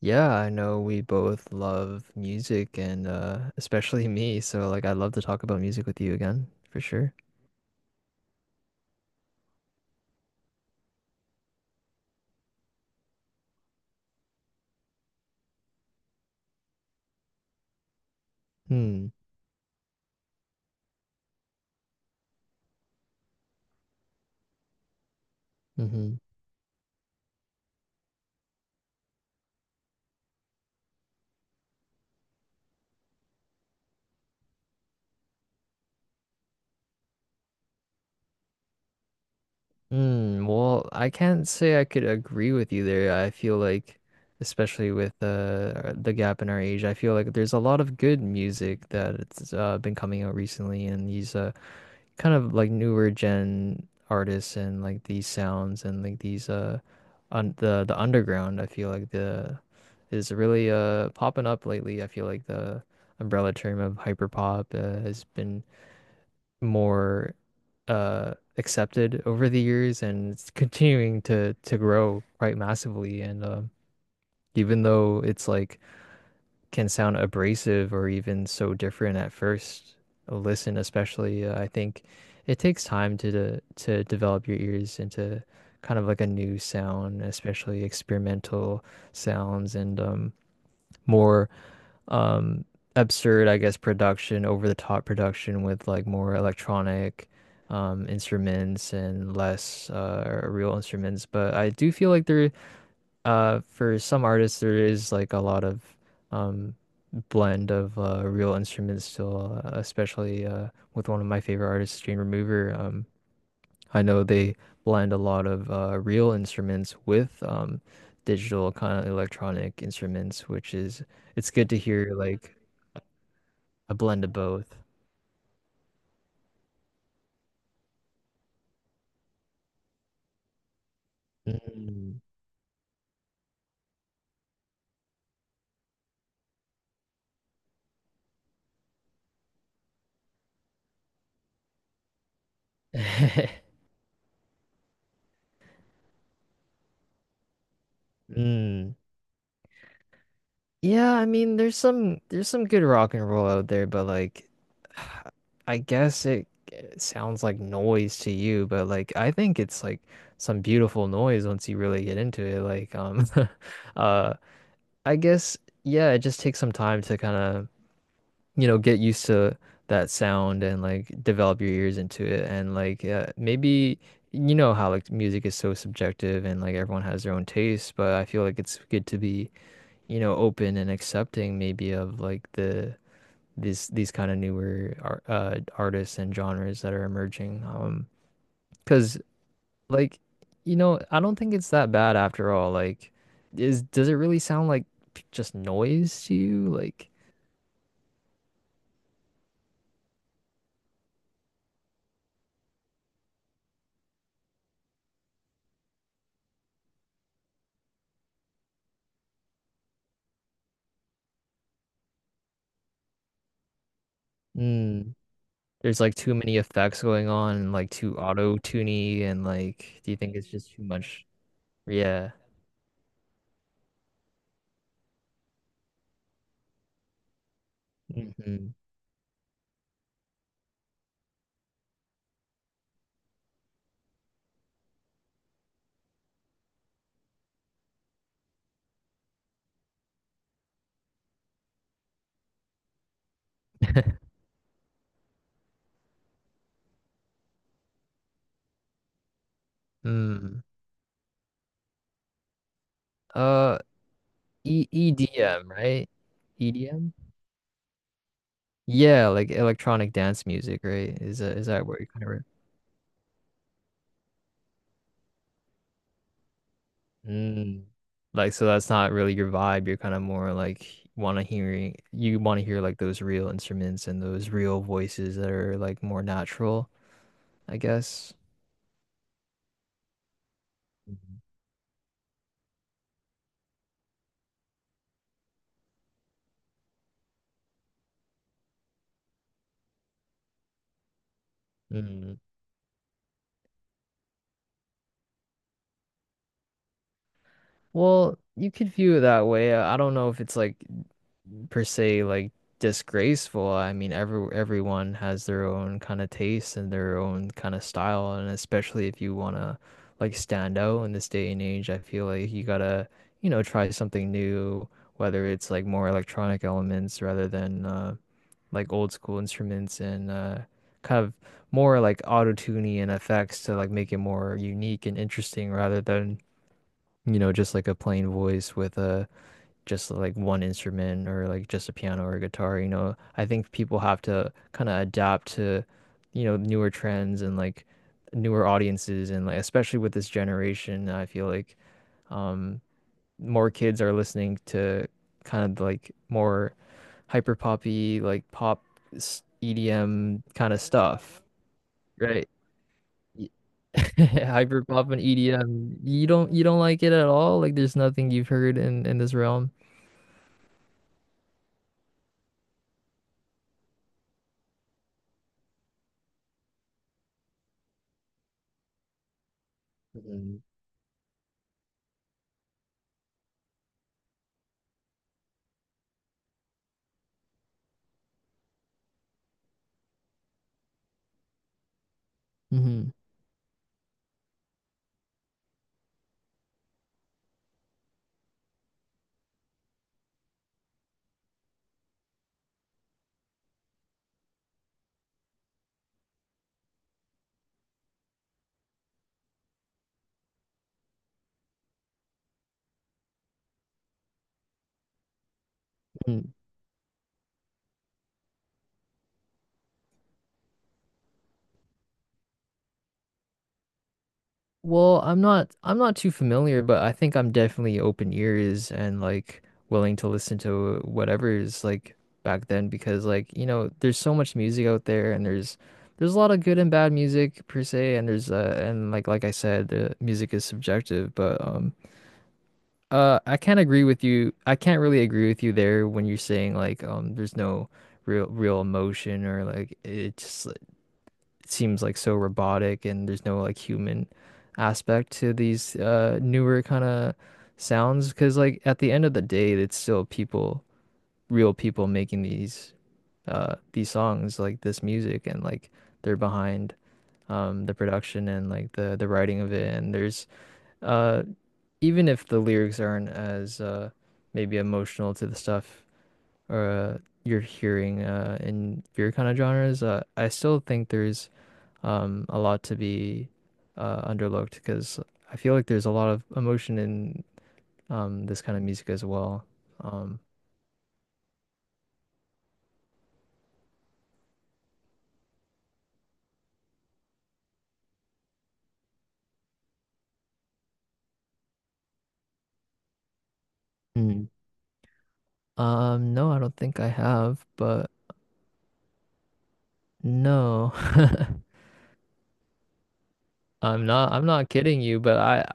Yeah, I know we both love music and especially me, so like I'd love to talk about music with you again, for sure. Hmm. Mm-hmm. Mm, well, I can't say I could agree with you there. I feel like especially with the gap in our age, I feel like there's a lot of good music that it's been coming out recently and these kind of like newer gen artists and like these sounds and like these on the underground I feel like the is really popping up lately. I feel like the umbrella term of hyperpop has been more accepted over the years and it's continuing to grow quite massively and even though it's like can sound abrasive or even so different at first listen, especially I think it takes time to develop your ears into kind of like a new sound, especially experimental sounds, and more, um absurd, I guess, production, over the top production with like more electronic instruments and less real instruments. But I do feel like there, for some artists, there is like a lot of, um, blend of real instruments still, especially with one of my favorite artists, Jane Remover. I know they blend a lot of real instruments with, digital kind of electronic instruments, which is it's good to hear like a blend of both. Mm. Mm. Yeah, I mean, there's some good rock and roll out there, but like, I guess it, it sounds like noise to you, but like, I think it's like some beautiful noise once you really get into it. Like, uh, I guess yeah, it just takes some time to kind of, you know, get used to that sound and like develop your ears into it, and like, maybe you know how like music is so subjective and like everyone has their own taste, but I feel like it's good to be, you know, open and accepting maybe of like the these kind of newer artists and genres that are emerging. Because like, you know, I don't think it's that bad after all. Like, is does it really sound like just noise to you? Like, mm, there's like too many effects going on and like too auto-tuney and like, do you think it's just too much? Yeah. Hmm. Mm. Uh, E EDM, right? EDM? Yeah, like electronic dance music, right? Is that where you kind of mm. Like, so that's not really your vibe. You're kind of more like want to hearing you want to hear like those real instruments and those real voices that are like more natural, I guess. Mhm. Mm. Well, you could view it that way. I don't know if it's like per se like disgraceful. I mean, everyone has their own kind of taste and their own kind of style, and especially if you want to like stand out in this day and age, I feel like you gotta, you know, try something new, whether it's like more electronic elements rather than like old school instruments and kind of more like auto-tuning and effects to like make it more unique and interesting rather than, you know, just like a plain voice with a, just like one instrument or like just a piano or a guitar, you know. I think people have to kind of adapt to, you know, newer trends and like newer audiences and like especially with this generation, I feel like um more kids are listening to kind of like more hyper poppy like pop EDM kind of stuff, right? Y- Hyper pop and EDM. You don't like it at all? Like there's nothing you've heard in this realm. Mm-hmm. Mm-hmm. Well, I'm not too familiar, but I think I'm definitely open ears and like willing to listen to whatever is like back then because like, you know, there's so much music out there and there's a lot of good and bad music per se and there's and like I said, music is subjective, but I can't agree with you. I can't really agree with you there when you're saying like, there's no real emotion or like it's it seems like so robotic and there's no like human aspect to these newer kind of sounds because like at the end of the day it's still people, real people making these songs, like this music, and like they're behind, the production and like the writing of it, and there's uh even if the lyrics aren't as maybe emotional to the stuff or, you're hearing in your kind of genres, I still think there's, a lot to be, underlooked because I feel like there's a lot of emotion in, this kind of music as well. Um, Mm. No, I don't think I have, but no, I'm not. I'm not kidding you, but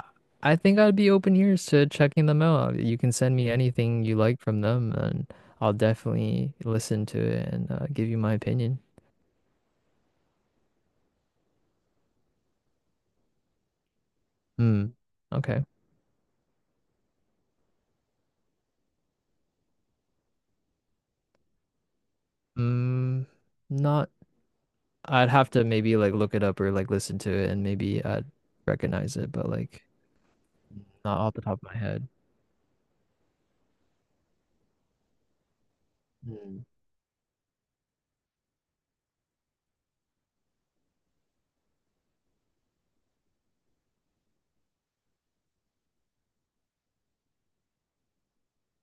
I think I'd be open ears to checking them out. You can send me anything you like from them, and I'll definitely listen to it and, give you my opinion. Hmm. Okay. Hmm. Not, I'd have to maybe like look it up or like listen to it and maybe I'd recognize it, but like not off the top of my head. Mm.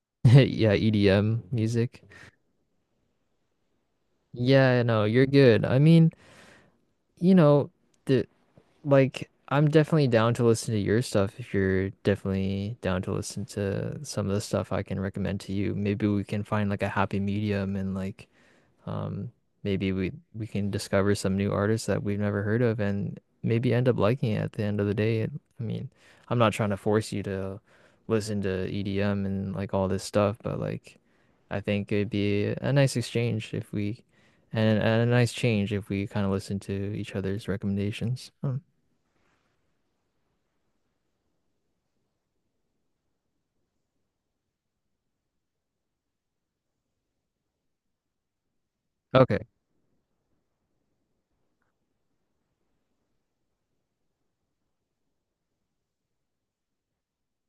Yeah, EDM music. Yeah, no, you're good. I mean, you know, the, like I'm definitely down to listen to your stuff if you're definitely down to listen to some of the stuff I can recommend to you. Maybe we can find like a happy medium and like, Um, maybe we can discover some new artists that we've never heard of and maybe end up liking it at the end of the day. It, I mean, I'm not trying to force you to listen to EDM and like all this stuff, but like I think it'd be a nice exchange if we and a nice change if we kind of listen to each other's recommendations. Hmm. Okay.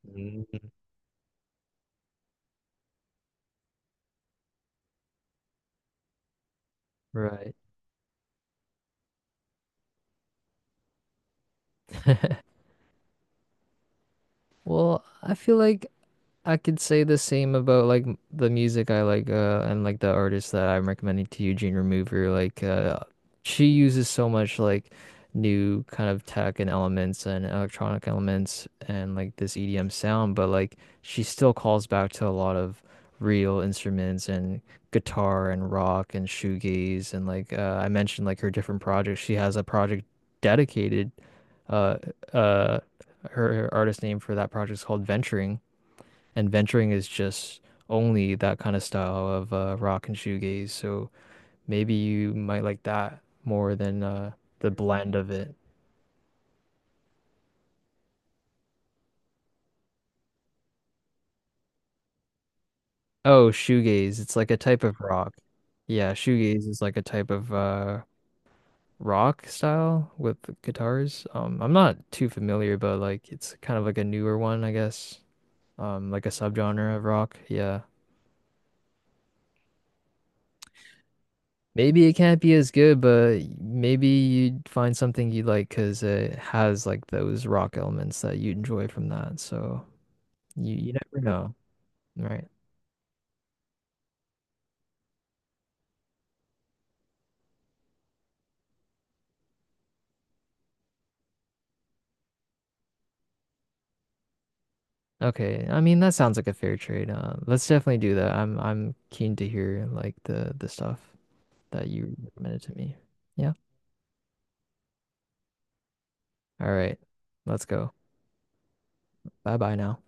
Mm. Right. Well, I feel like I could say the same about like the music I like and like the artist that I'm recommending to you, Jane Remover. Like she uses so much like new kind of tech and elements and electronic elements and like this EDM sound, but like she still calls back to a lot of real instruments and guitar and rock and shoegaze and like, I mentioned like her different projects. She has a project dedicated uh uh her artist name for that project is called Venturing, and venturing is just only that kind of style of rock and shoegaze. So maybe you might like that more than, the blend of it. Oh, shoegaze. It's like a type of rock. Yeah, shoegaze is like a type of, rock style with guitars. I'm not too familiar, but like it's kind of like a newer one, I guess. Like a subgenre of rock. Yeah. Maybe it can't be as good, but maybe you'd find something you like because it has like those rock elements that you enjoy from that. So you never know, right? Okay, I mean that sounds like a fair trade. Let's definitely do that. I'm keen to hear like the stuff that you recommended to me. Yeah. All right, let's go. Bye bye now.